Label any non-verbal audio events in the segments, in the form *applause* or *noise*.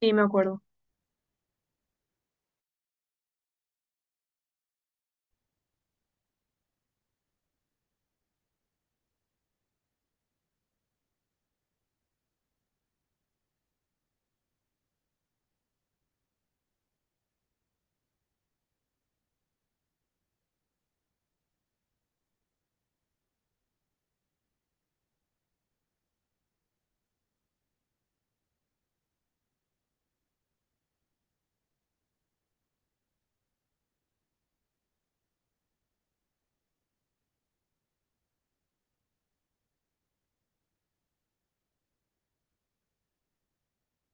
Sí, me acuerdo.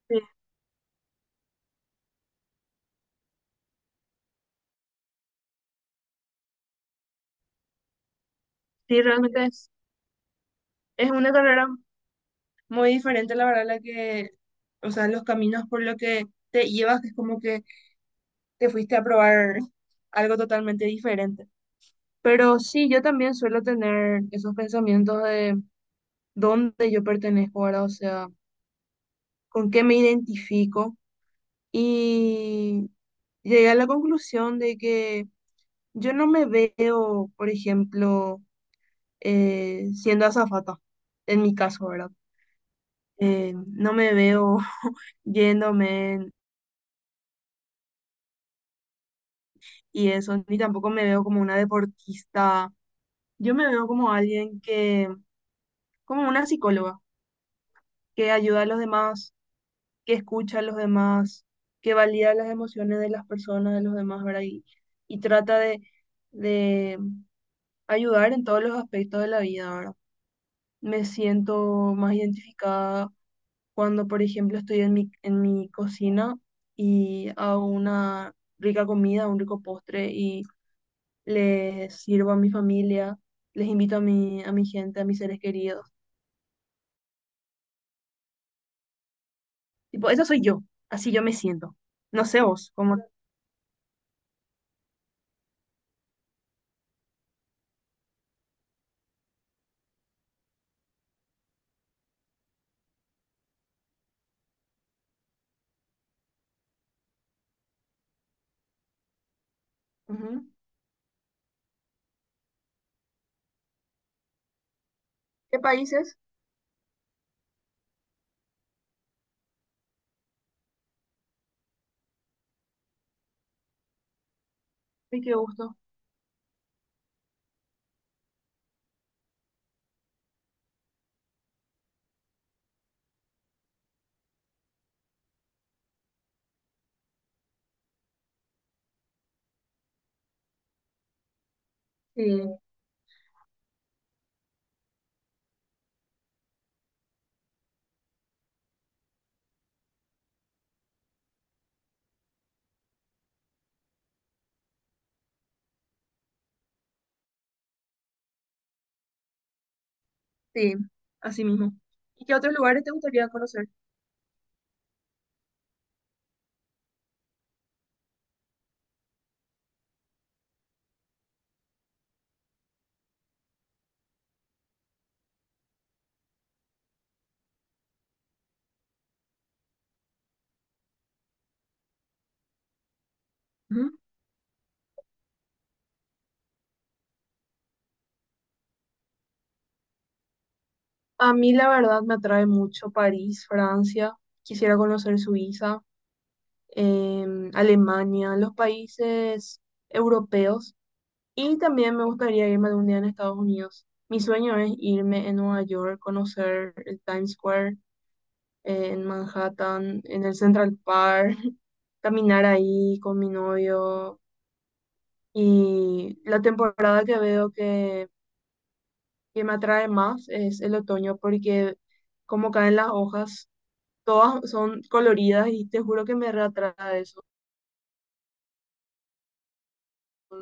Sí, sí, realmente es una carrera muy diferente, la verdad, la que, o sea, los caminos por los que te llevas, es como que te fuiste a probar algo totalmente diferente. Pero sí, yo también suelo tener esos pensamientos de dónde yo pertenezco ahora, o sea, con qué me identifico. Y llegué a la conclusión de que yo no me veo, por ejemplo, siendo azafata, en mi caso, ¿verdad? No me veo *laughs* yéndome y eso, ni tampoco me veo como una deportista. Yo me veo como alguien que, como una psicóloga, que ayuda a los demás, que escucha a los demás, que valida las emociones de las personas, de los demás, ¿verdad? Y trata de, de ayudar en todos los aspectos de la vida, ¿verdad? Me siento más identificada cuando, por ejemplo, estoy en mi cocina y hago una rica comida, un rico postre y les sirvo a mi familia, les invito a mi gente, a mis seres queridos. Tipo, eso soy yo, así yo me siento. No sé vos, cómo... Ujú. ¿Qué países? Ay, qué gusto. Sí, sí, así mismo. ¿Y qué otros lugares te gustaría conocer? Ujú. A mí la verdad me atrae mucho París, Francia. Quisiera conocer Suiza, Alemania, los países europeos. Y también me gustaría irme algún día en Estados Unidos. Mi sueño es irme en Nueva York, conocer el Times Square, en Manhattan, en el Central Park, *laughs* caminar ahí con mi novio. Y la temporada que veo que me atrae más es el otoño, porque como caen las hojas, todas son coloridas y te juro que me reatrae eso.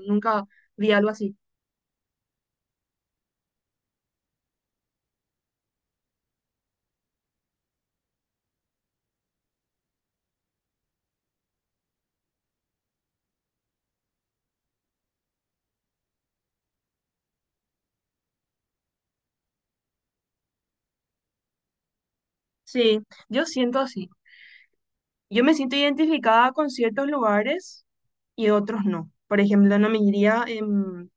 Nunca vi algo así. Sí, yo siento así. Yo me siento identificada con ciertos lugares y otros no. Por ejemplo, no me iría en,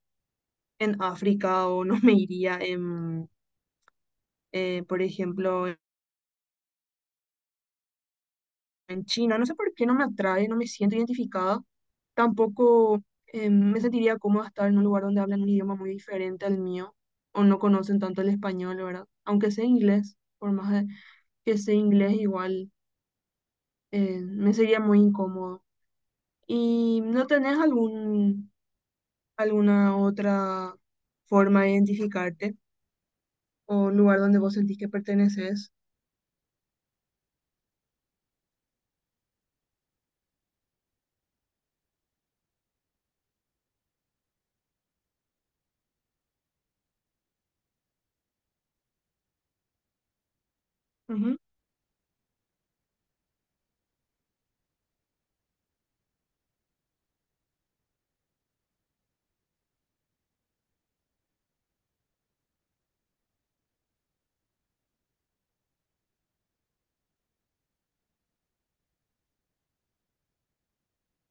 en África o no me iría por ejemplo, en China. No sé por qué no me atrae, no me siento identificada. Tampoco me sentiría cómoda estar en un lugar donde hablan un idioma muy diferente al mío o no conocen tanto el español, ¿verdad? Aunque sea inglés, que sea inglés, igual me sería muy incómodo. ¿Y no tenés algún alguna otra forma de identificarte o un lugar donde vos sentís que perteneces? Ujú,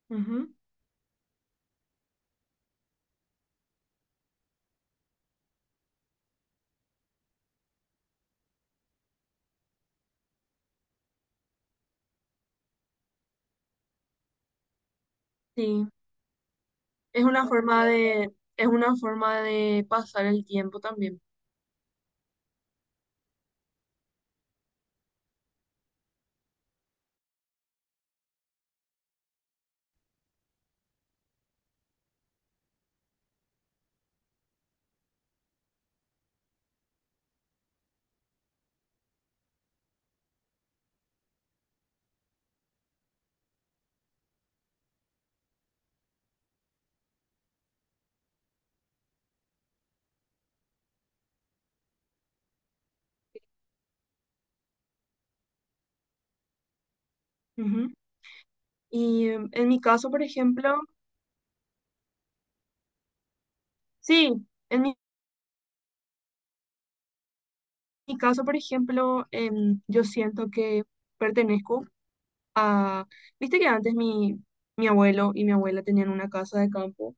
ujú. Sí, es una forma de, es una forma de pasar el tiempo también. Ujú. Y en mi caso, por ejemplo, sí, en mi caso, por ejemplo, yo siento que pertenezco a, viste que antes mi abuelo y mi abuela tenían una casa de campo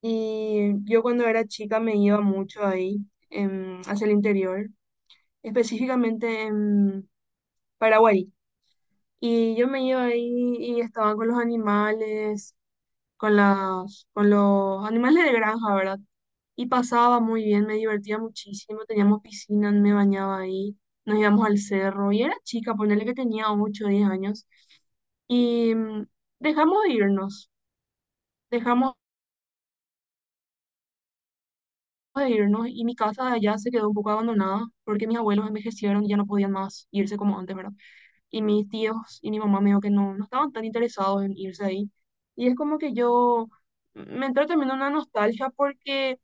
y yo cuando era chica me iba mucho ahí, hacia el interior específicamente en Paraguay. Y yo me iba ahí y estaba con los animales, con los animales de granja, ¿verdad? Y pasaba muy bien, me divertía muchísimo, teníamos piscina, me bañaba ahí, nos íbamos al cerro y era chica, ponerle que tenía 8 o 10 años. Y dejamos de irnos, dejamos de irnos y mi casa de allá se quedó un poco abandonada porque mis abuelos envejecieron y ya no podían más irse como antes, ¿verdad? Y mis tíos y mi mamá me dijo que no, no estaban tan interesados en irse ahí. Y es como que yo me entró también una nostalgia porque,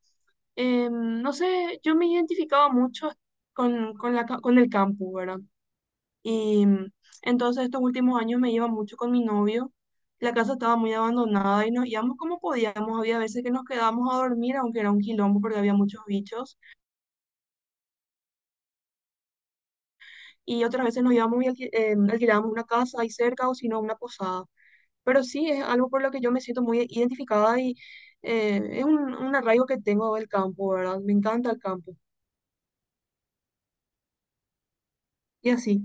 no sé, yo me identificaba mucho con con el campus, ¿verdad? Y entonces estos últimos años me iba mucho con mi novio. La casa estaba muy abandonada y nos íbamos como podíamos. Había veces que nos quedábamos a dormir, aunque era un quilombo porque había muchos bichos. Y otras veces nos íbamos y alquilábamos una casa ahí cerca o si no una posada. Pero sí, es algo por lo que yo me siento muy identificada y es un arraigo que tengo del campo, ¿verdad? Me encanta el campo. Y así,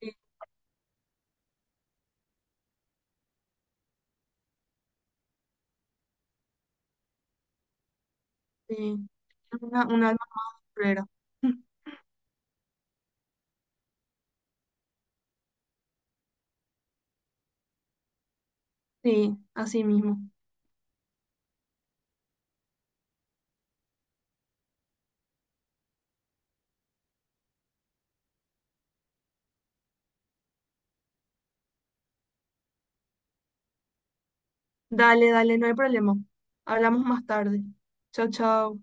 sí, sí, es una, un alma más guerrera. *laughs* Sí, así mismo. Dale, dale, no hay problema. Hablamos más tarde. Chao, chao.